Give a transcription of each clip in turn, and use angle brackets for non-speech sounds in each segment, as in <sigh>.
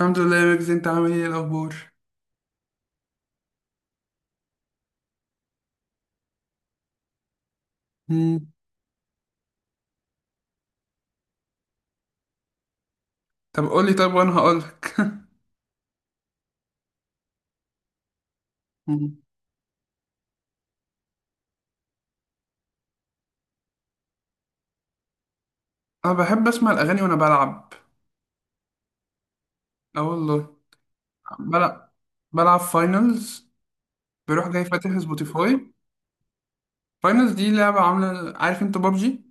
الحمد لله يا ويجز، انت عامل ايه، إيه الاخبار؟ مم. طب قول لي، طب وانا هقول لك. <laughs> انا بحب اسمع الاغاني وانا بلعب. اه والله. بلعب بلعب فاينلز. بروح جاي فاتح سبوتيفاي. فاينلز دي لعبة، عاملة عارف انت بابجي؟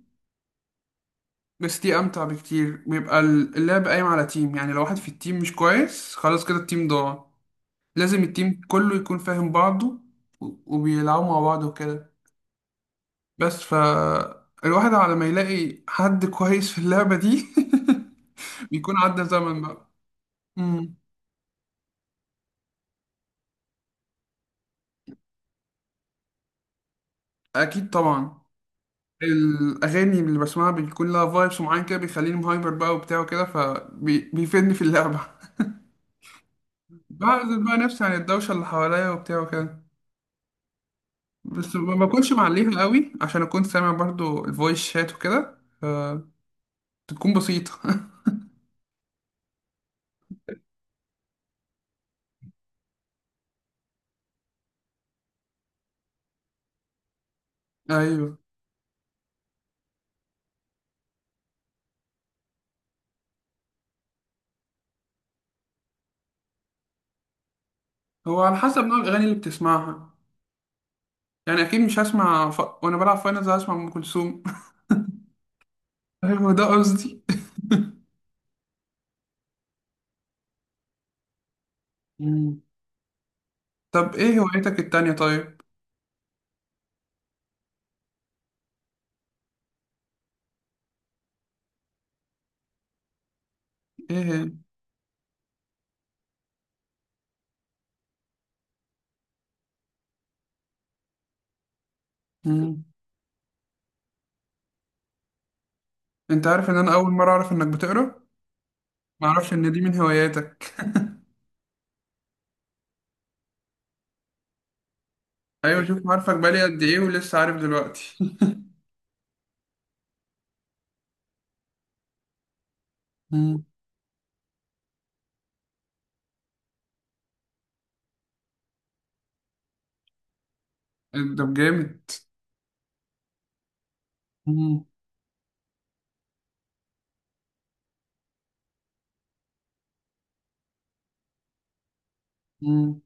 بس دي امتع بكتير، بيبقى اللعب قايم على تيم، يعني لو واحد في التيم مش كويس خلاص كده التيم ضاع. لازم التيم كله يكون فاهم بعضه وبيلعبوا مع بعض وكده. بس الواحد على ما يلاقي حد كويس في اللعبة دي <laughs> بيكون عدى زمن بقى. امم اكيد طبعا. الاغاني اللي بسمعها بيكون لها فايبس معين كده، بيخليني هايبر بقى وبتاع وكده، فبيفيدني في اللعبه. <laughs> بعزل بقى نفسي عن الدوشه اللي حواليا وبتاع وكده، بس ما بكونش معليها قوي، عشان اكون سامع برضو الفويس شات وكده، فتكون بسيطه. <laughs> ايوه. هو على حسب نوع الاغاني اللي بتسمعها. يعني اكيد مش هسمع وانا بلعب فاينلز هسمع ام كلثوم. <laughs> هو ده قصدي. مم. طب ايه هوايتك التانية طيب؟ ايه هي؟ مم. انت عارف ان انا اول مرة اعرف انك بتقرا؟ ما اعرفش ان دي من هواياتك. <laughs> ايوه شوف، عارفك بقالي قد ايه ولسه عارف دلوقتي. مم. <laughs> ده جامد. مم. مم.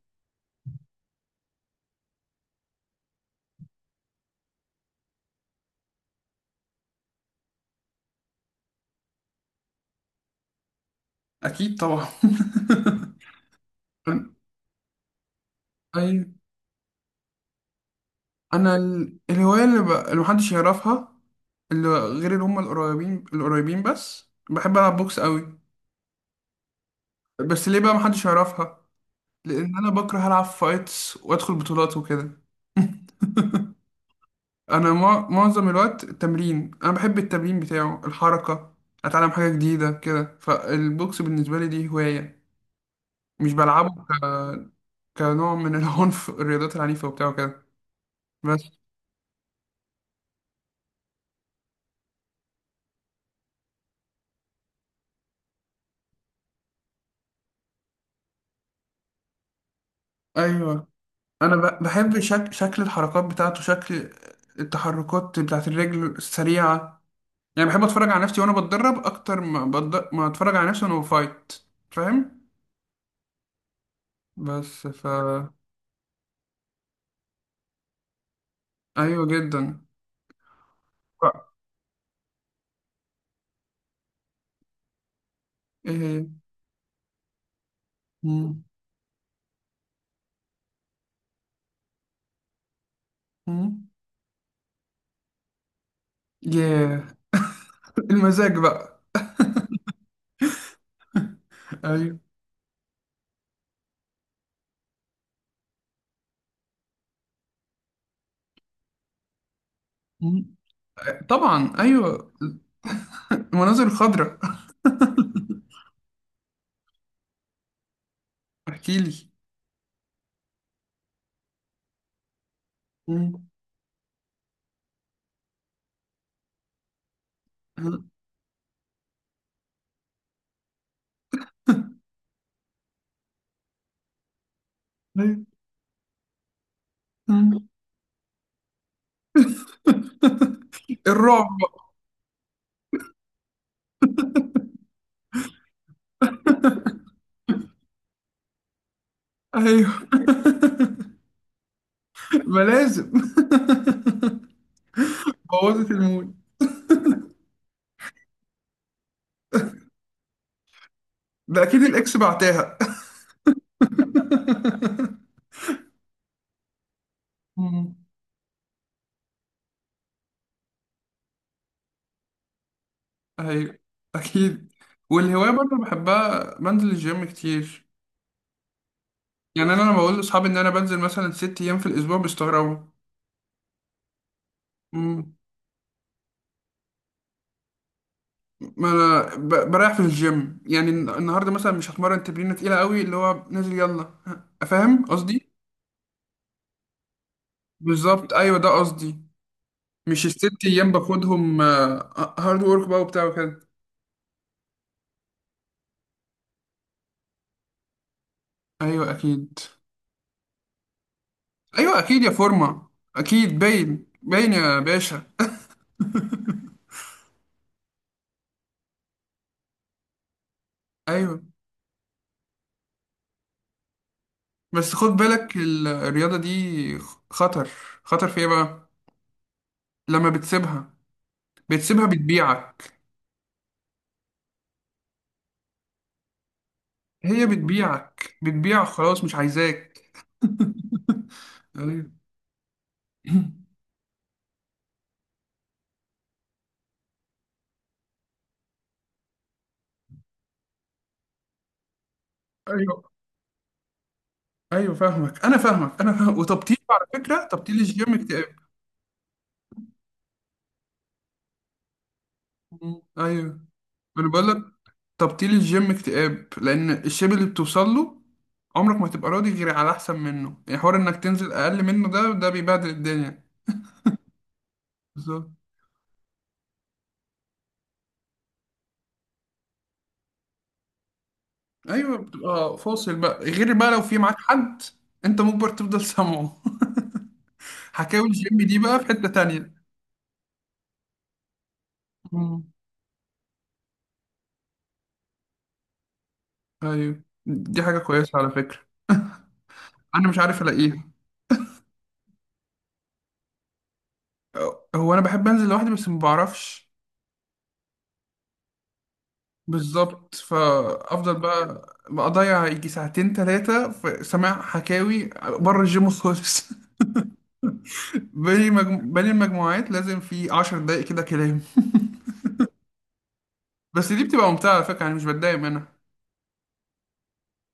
اكيد طبعا. <laughs> ايوه. انا الهواية اللي محدش يعرفها، اللي غير اللي هم القريبين القريبين، بس بحب العب بوكس قوي. بس ليه بقى محدش يعرفها؟ لان انا بكره العب فايتس وادخل بطولات وكده. <laughs> انا معظم الوقت التمرين، انا بحب التمرين بتاعه الحركه، اتعلم حاجه جديده كده. فالبوكس بالنسبه لي دي هوايه، مش بلعبه كنوع من <laughs> العنف، الرياضات العنيفه وبتاعه كده. بس. ايوه. انا بحب شكل الحركات بتاعته، شكل التحركات بتاعت الرجل السريعه. يعني بحب اتفرج على نفسي وانا بتدرب اكتر ما ما اتفرج على نفسي وانا بفايت، فاهم؟ بس ايوه جدا. ف- ايه هي؟ مم. مم. ياه. <laughs> المزاج بقى. ايوه. مم. طبعا ايوه. المناظر الخضراء. <laughs> احكي لي. مم. أيوة. مم. الرعب بقى. ايوه. <laughs> ما لازم. <laughs> بوظت المود. ده اكيد الاكس بعتها. <laughs> مم. ايوه اكيد. والهوايه برضه بحبها، بنزل الجيم كتير. يعني انا لما بقول لاصحابي ان انا بنزل مثلا 6 ايام في الاسبوع بيستغربوا. مم. ما انا بريح في الجيم. يعني النهارده مثلا مش هتمرن تمرينه تقيله قوي، اللي هو نازل يلا، فاهم قصدي؟ بالظبط، ايوه ده قصدي. مش الـ6 ايام باخدهم هارد وورك بقى وبتاع وكده. ايوه اكيد. ايوه اكيد يا فورمه، اكيد باين باين يا باشا. <laughs> ايوه. بس خد بالك الرياضه دي خطر. خطر في ايه بقى؟ لما بتسيبها. بتسيبها بتبيعك. هي بتبيعك بتبيعك، خلاص مش عايزاك. <laughs> ايوه. <clears throat> ايوه، ايوه فاهمك، انا فاهمك انا فاهم. وتبطيل على فكره، تبطيل الجيم اكتئاب. مم. ايوه. انا بقول لك، تبطيل الجيم اكتئاب لان الشيب اللي بتوصل له عمرك ما تبقى راضي غير على احسن منه. يعني حوار انك تنزل اقل منه ده بيبهدل الدنيا. بالظبط. ايوه بتبقى فاصل بقى، غير بقى لو في معاك حد انت مجبر تفضل سامعه. <laughs> حكاوي الجيم دي بقى في حته تانية. مم. ايوه دي حاجه كويسه على فكره. انا مش عارف الاقيها. هو انا بحب انزل لوحدي بس ما بعرفش. بالظبط، فافضل بقى اضيع يجي ساعتين ثلاثه في سماع حكاوي بره الجيم خالص. <laughs> بين المجموعات لازم في 10 دقايق كده كلام. بس دي بتبقى ممتعه على فكره، يعني مش بتضايق منها.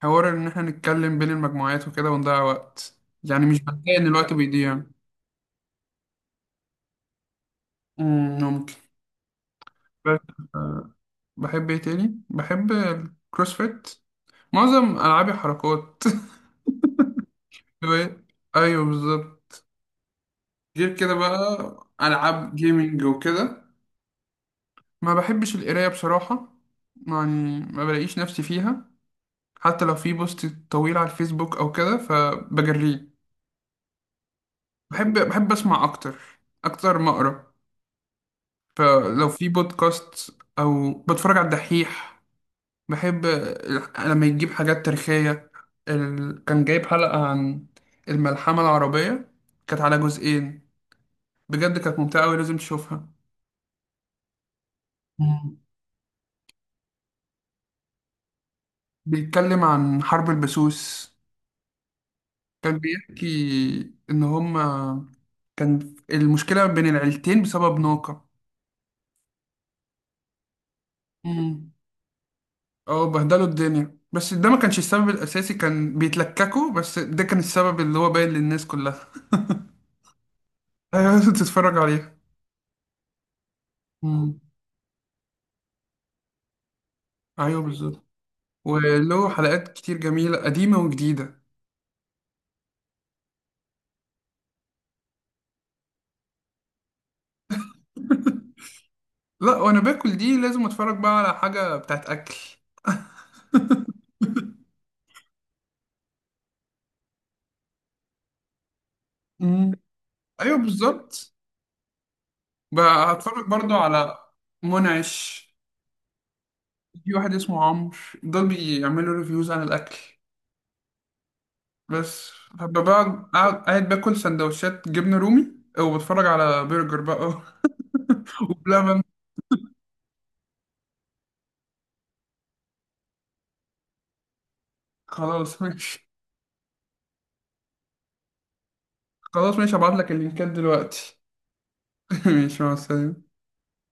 حوار ان احنا نتكلم بين المجموعات وكده ونضيع وقت، يعني مش بتضايق ان الوقت بيضيع. ممكن. بس. آه، بحب ايه تاني، بحب الكروسفيت، معظم العابي حركات. <laughs> ايوه بالظبط. غير كده بقى العاب جيمنج وكده. ما بحبش القراية بصراحة، يعني ما بلاقيش نفسي فيها، حتى لو في بوست طويل على الفيسبوك أو كده فبجريه. بحب أسمع أكتر، أكتر ما أقرأ. فلو في بودكاست أو بتفرج على الدحيح، بحب لما يجيب حاجات تاريخية. كان جايب حلقة عن الملحمة العربية، كانت على جزئين. بجد كانت ممتعة أوي، لازم تشوفها. مم. بيتكلم عن حرب البسوس. كان بيحكي ان هما كان المشكله بين العيلتين بسبب ناقه. امم اه، بهدلوا الدنيا، بس ده ما كانش السبب الاساسي، كان بيتلككوا، بس ده كان السبب اللي هو باين للناس كلها. <laughs> ايوه، لازم تتفرج عليها. امم ايوه بالظبط. وله حلقات كتير جميله قديمه وجديده. لا وانا باكل دي لازم اتفرج بقى على حاجه بتاعت اكل. <laughs> امم ايوه بالظبط. بقى هتفرج برضو على منعش. في واحد اسمه عمرو، دول بيعملوا ريفيوز عن الأكل. بس. فببقى بقعد قاعد قاعد باكل سندوتشات جبنة رومي، وبتفرج على برجر بقى. <laughs> وبلبن. خلاص ماشي. خلاص ماشي، هبعتلك اللينكات دلوقتي. <laughs> ماشي، مع السلامة.